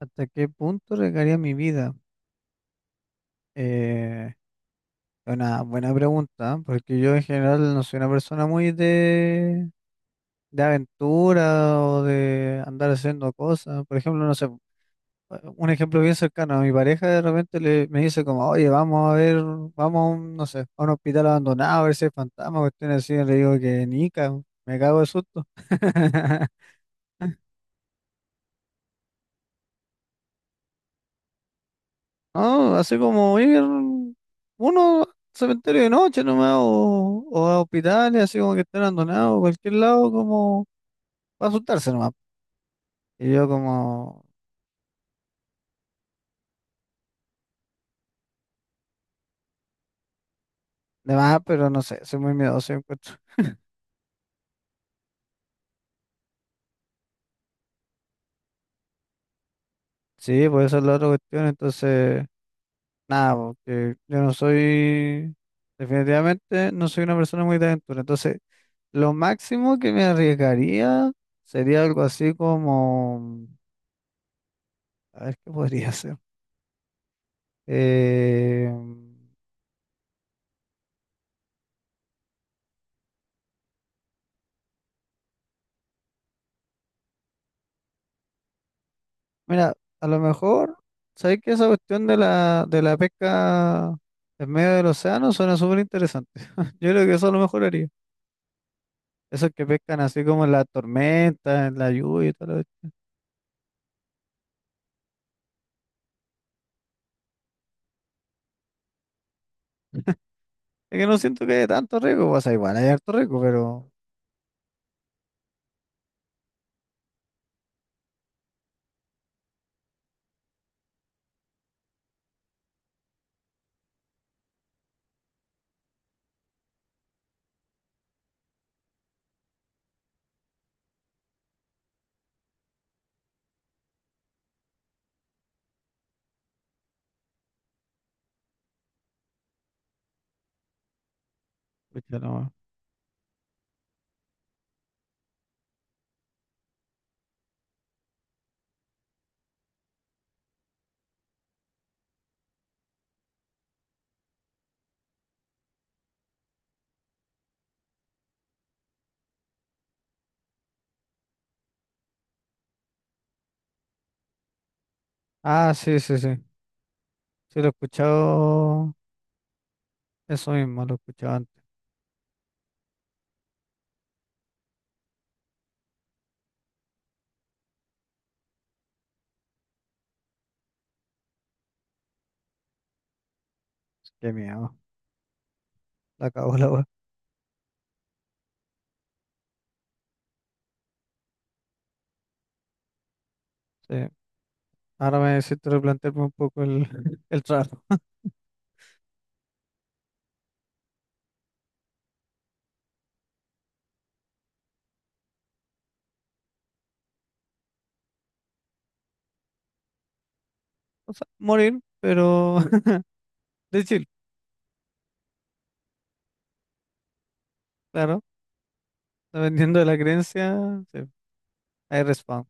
¿Hasta qué punto regaría mi vida? Eh, es una buena pregunta, ¿eh? Porque yo en general no soy una persona muy de aventura o de andar haciendo cosas. Por ejemplo, no sé, un ejemplo bien cercano, a mi pareja de repente me dice como, oye, vamos a ver, vamos a no sé, a un hospital abandonado a ver si hay fantasma, cuestiones así, y le digo que nica, me cago de susto. No, así como ir uno al cementerio de noche nomás o a hospitales, así como que estén abandonados, cualquier lado como para asustarse nomás. Y yo como de más, pero no sé, soy muy miedoso yo encuentro. Sí, pues esa es la otra cuestión, entonces nada, porque yo no soy, definitivamente no soy una persona muy de aventura, entonces lo máximo que me arriesgaría sería algo así como, a ver qué podría ser. Eh, Mira, a lo mejor, ¿sabéis que esa cuestión de de la pesca en medio del océano suena súper interesante? Yo creo que eso a lo mejor haría. Esos que pescan así como en la tormenta, en la lluvia y todo lo... Es que no siento que haya tanto riesgo, o sea, igual hay harto riesgo, pero... pucha, no. Ah, sí, sí, sí. Sí, lo he escuchado, eso mismo, lo he escuchado antes. Qué miedo, la cago la wea. Sí, ahora me necesito replantearme un poco el, el trato. O sea, morir, pero de chill, claro. Dependiendo de la creencia, sí, hay respawn.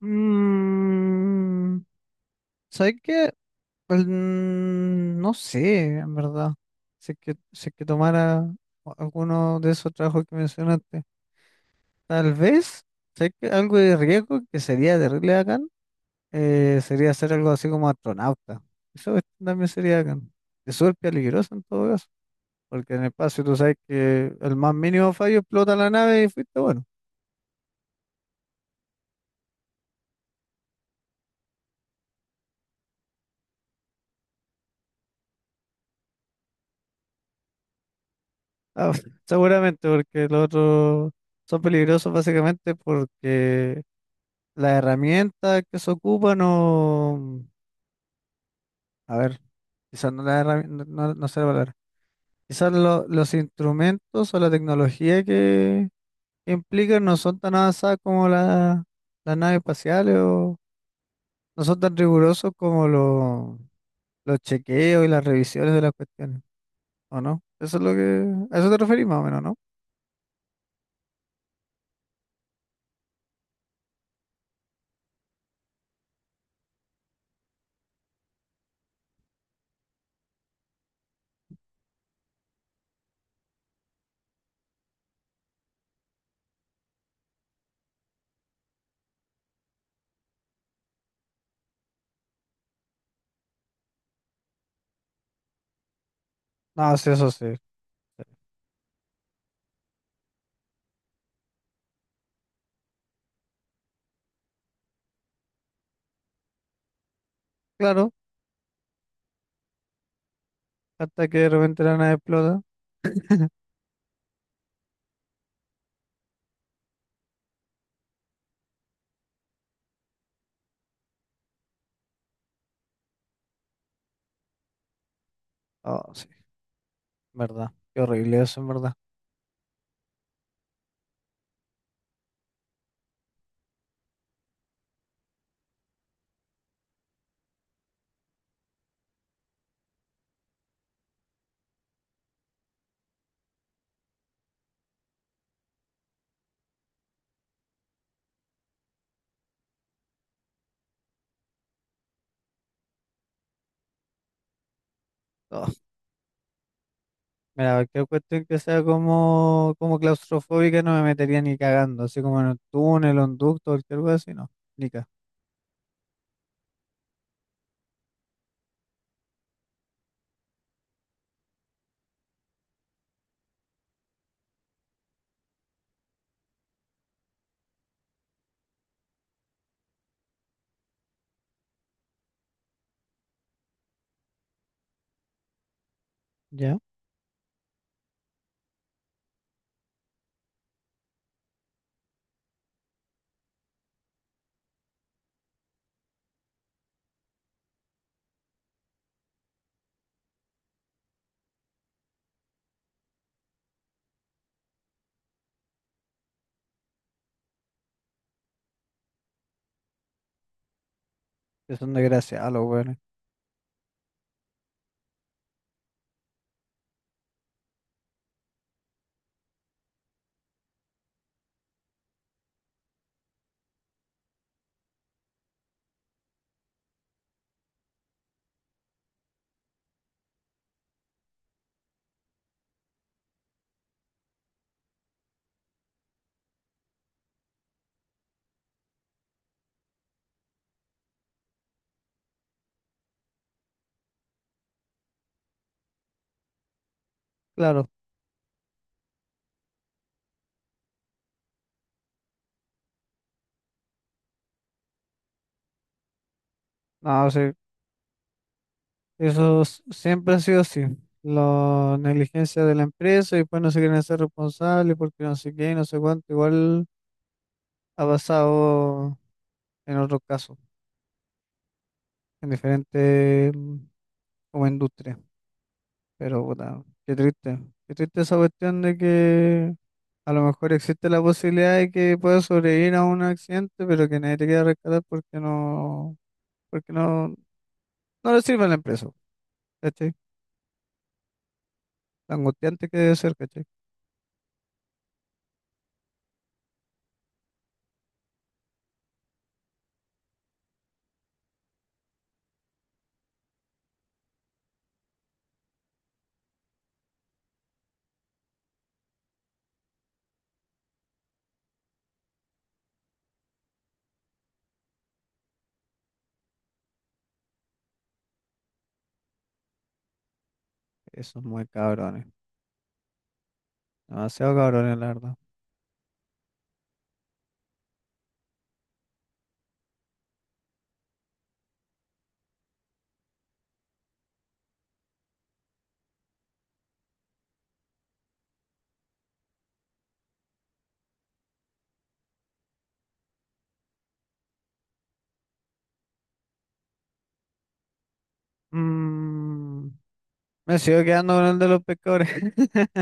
Mm, ¿sabes qué? Pues, no sé, en verdad. Si es que tomara alguno de esos trabajos que mencionaste. Tal vez, ¿sabes qué? Algo de riesgo que sería terrible bacán, sería hacer algo así como astronauta. También sería bacán. Es súper peligroso en todo caso. Porque en el espacio tú sabes que el más mínimo fallo explota la nave y fuiste bueno. Ah, seguramente, porque los otros son peligrosos básicamente porque la herramienta que se ocupa no... A ver, quizás no no sé la palabra. Quizás los instrumentos o la tecnología que implican no son tan avanzadas como las naves espaciales o no son tan rigurosos como los chequeos y las revisiones de las cuestiones, ¿o no? Eso es lo que... A eso te referís más o menos, ¿no? No, sí, eso sí. Claro, hasta que de repente la nave explota. Oh, sí, verdad. Qué horrible eso, en verdad. Oh, mira, cualquier cuestión que sea como claustrofóbica no me metería ni cagando, así como en un túnel, un ducto, cualquier cosa así, no. Ni ca-... ¿Ya? Que son desgraciados los weones. Claro, no, sí. Siempre ha sido así. La negligencia de la empresa y después no se quieren hacer responsables porque no sé qué, no sé cuánto. Igual ha pasado en otros casos, en diferentes como industrias. Pero puta, qué triste. Qué triste esa cuestión de que a lo mejor existe la posibilidad de que puedas sobrevivir a un accidente, pero que nadie te quiera rescatar porque no, no le sirve a la empresa. ¿Cachai? Lo angustiante que debe ser, ¿cachai? Esos muy cabrones. Demasiado cabrones, la verdad. Mm, me sigo quedando con el de los pescadores.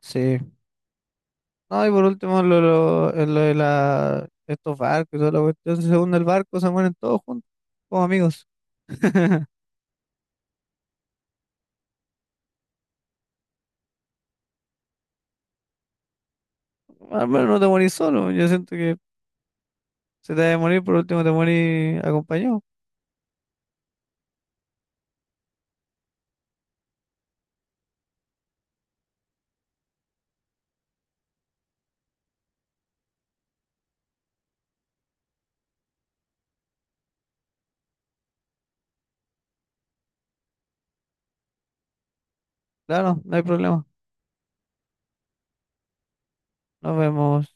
Sí. No, y por último, lo de la, estos barcos y toda la cuestión. Según el barco, se mueren todos juntos, como amigos. Al menos no te morís solo. Yo siento que si te vas a morir, por último te morís acompañado. Claro, no hay problema. Nos vemos.